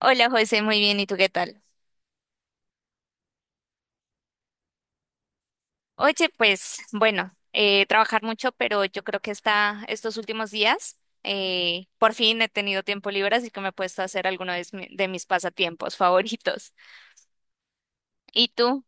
Hola José, muy bien, ¿y tú qué tal? Oye, pues bueno, trabajar mucho, pero yo creo que está estos últimos días, por fin he tenido tiempo libre, así que me he puesto a hacer alguno de mis pasatiempos favoritos. ¿Y tú?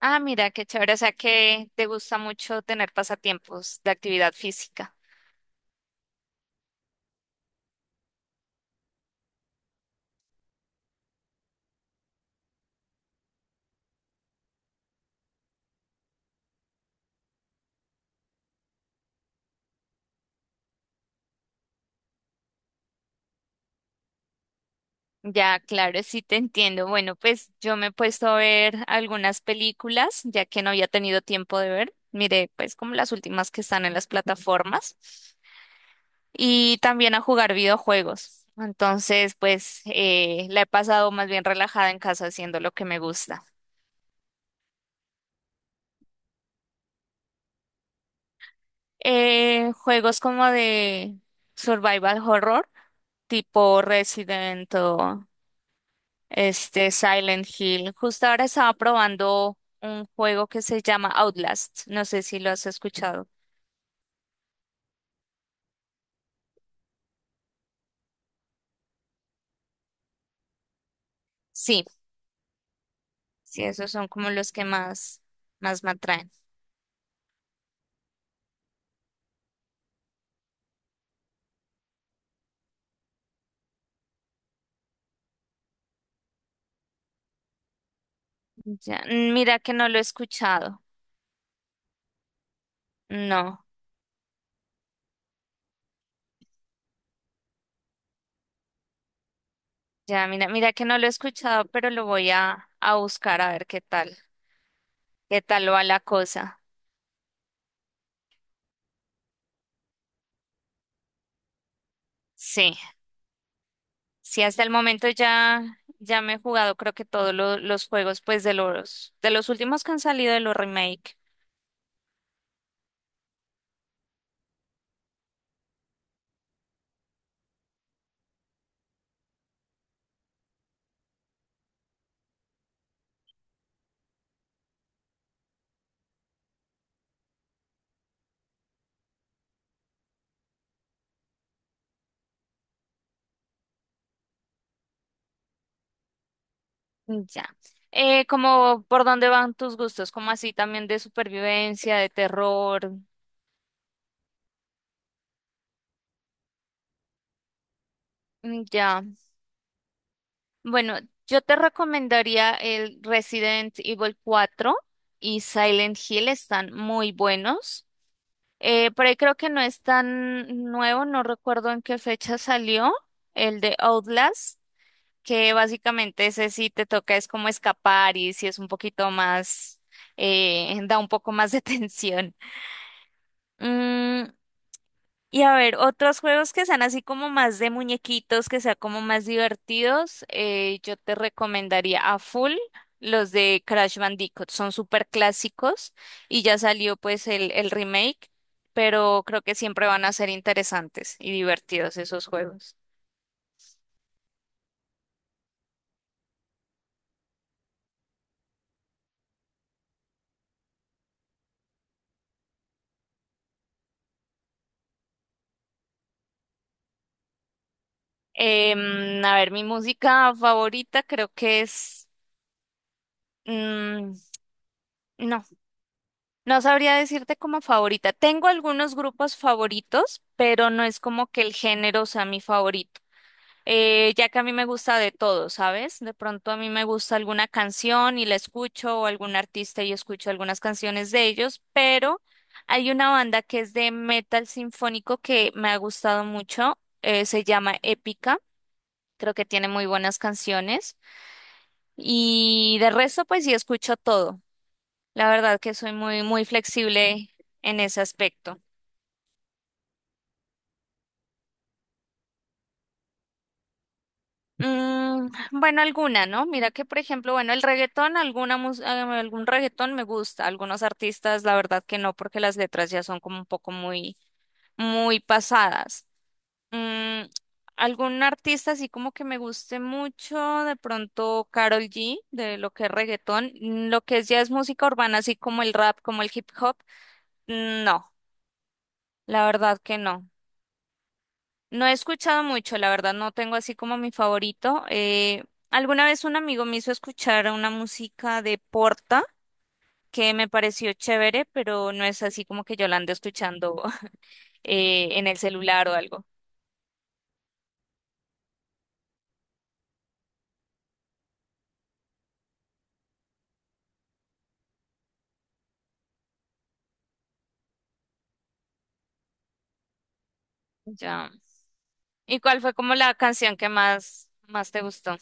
Ah, mira, qué chévere, o sea que te gusta mucho tener pasatiempos de actividad física. Ya, claro, sí te entiendo. Bueno, pues yo me he puesto a ver algunas películas, ya que no había tenido tiempo de ver. Miré, pues como las últimas que están en las plataformas, y también a jugar videojuegos. Entonces, pues la he pasado más bien relajada en casa haciendo lo que me gusta. Juegos como de survival horror, tipo Resident o este Silent Hill. Justo ahora estaba probando un juego que se llama Outlast. No sé si lo has escuchado. Sí, sí, esos son como los que más, más me atraen. Ya, mira que no lo he escuchado. No. Ya, mira, mira que no lo he escuchado, pero lo voy a buscar a ver qué tal va la cosa. Sí, sí, hasta el momento ya, ya me he jugado creo que todos los juegos, pues de los últimos que han salido de los remake. Ya. Como, ¿por dónde van tus gustos? Como así también de supervivencia, de terror. Ya. Bueno, yo te recomendaría el Resident Evil 4 y Silent Hill, están muy buenos. Por ahí creo que no es tan nuevo, no recuerdo en qué fecha salió el de Outlast, que básicamente ese sí te toca es como escapar y si es un poquito más, da un poco más de tensión. Mm, y a ver, otros juegos que sean así como más de muñequitos, que sean como más divertidos, yo te recomendaría a full los de Crash Bandicoot. Son súper clásicos y ya salió pues el remake, pero creo que siempre van a ser interesantes y divertidos esos juegos. A ver, mi música favorita creo que es... mm, no, no sabría decirte como favorita. Tengo algunos grupos favoritos, pero no es como que el género sea mi favorito. Ya que a mí me gusta de todo, ¿sabes? De pronto a mí me gusta alguna canción y la escucho, o algún artista y escucho algunas canciones de ellos, pero hay una banda que es de metal sinfónico que me ha gustado mucho, se llama Épica, creo que tiene muy buenas canciones y de resto pues sí escucho todo. La verdad que soy muy, muy flexible en ese aspecto. Bueno, alguna, ¿no? Mira que, por ejemplo, bueno, el reggaetón, algún reggaetón me gusta, algunos artistas, la verdad que no, porque las letras ya son como un poco muy, muy pasadas. Mm, algún artista así como que me guste mucho, de pronto Carol G, de lo que es reggaetón. Lo que es ya es música urbana, así como el rap, como el hip hop, no, la verdad que no. No he escuchado mucho, la verdad, no tengo así como mi favorito. Alguna vez un amigo me hizo escuchar una música de Porta que me pareció chévere, pero no es así como que yo la ando escuchando en el celular o algo. Ya. ¿Y cuál fue como la canción que más, más te gustó?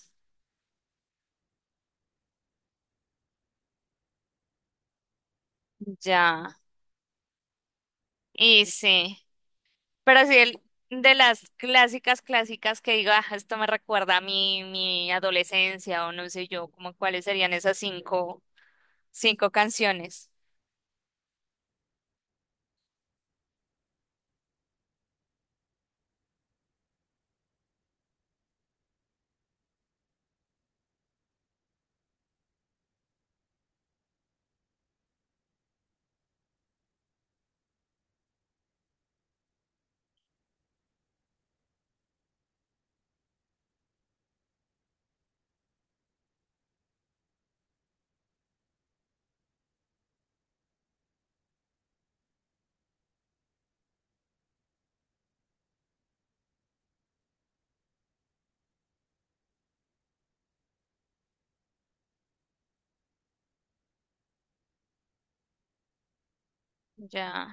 Ya. Y sí, pero sí de las clásicas, clásicas que digo, ah, esto me recuerda a mi adolescencia o no sé yo, como cuáles serían esas cinco canciones. Ya.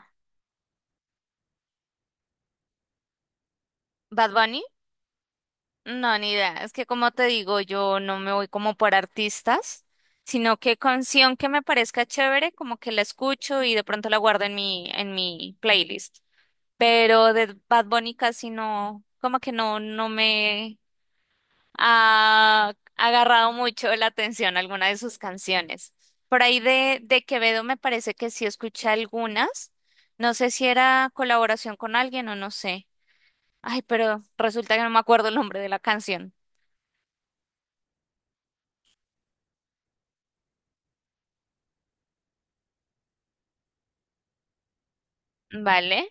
¿Bad Bunny? No, ni idea. Es que como te digo, yo no me voy como por artistas, sino que canción que me parezca chévere, como que la escucho y de pronto la guardo en mi, playlist. Pero de Bad Bunny casi no, como que no, no me ha agarrado mucho la atención alguna de sus canciones. Por ahí de Quevedo me parece que sí escuché algunas. No sé si era colaboración con alguien o no sé. Ay, pero resulta que no me acuerdo el nombre de la canción. Vale,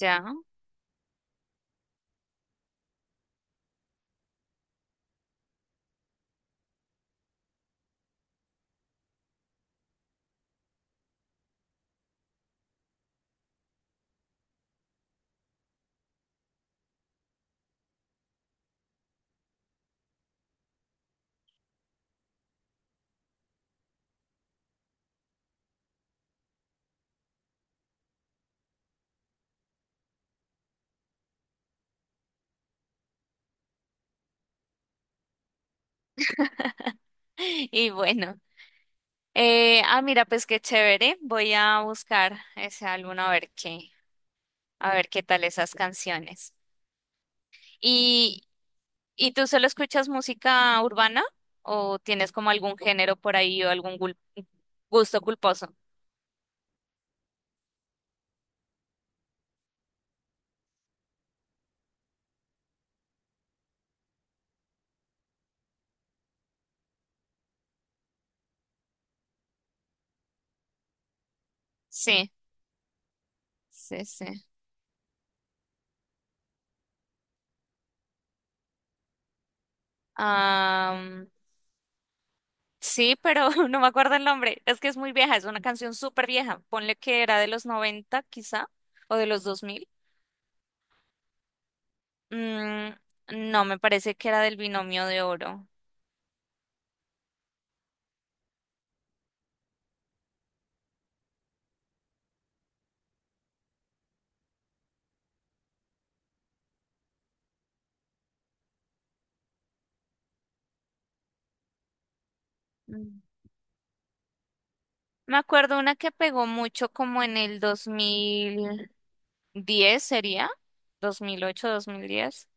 ya. Y bueno, ah, mira, pues qué chévere. Voy a buscar ese álbum a ver qué tal esas canciones. ¿Y, y tú solo escuchas música urbana o tienes como algún género por ahí o algún gusto culposo? Sí, sí, sí. Sí, pero no me acuerdo el nombre. Es que es muy vieja, es una canción súper vieja. Ponle que era de los 90, quizá, o de los 2000. Mm, no, me parece que era del Binomio de Oro. Mm. Me acuerdo una que pegó mucho como en el 2010 sería, 2008, 2010,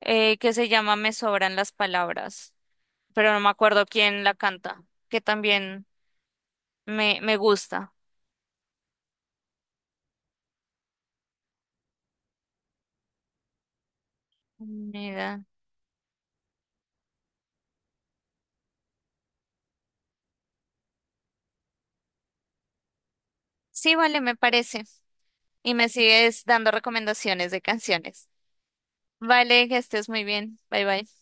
que se llama Me sobran las palabras, pero no me acuerdo quién la canta, que también me gusta. Mira. Sí, vale, me parece, y me sigues dando recomendaciones de canciones. Vale, que estés muy bien. Bye bye.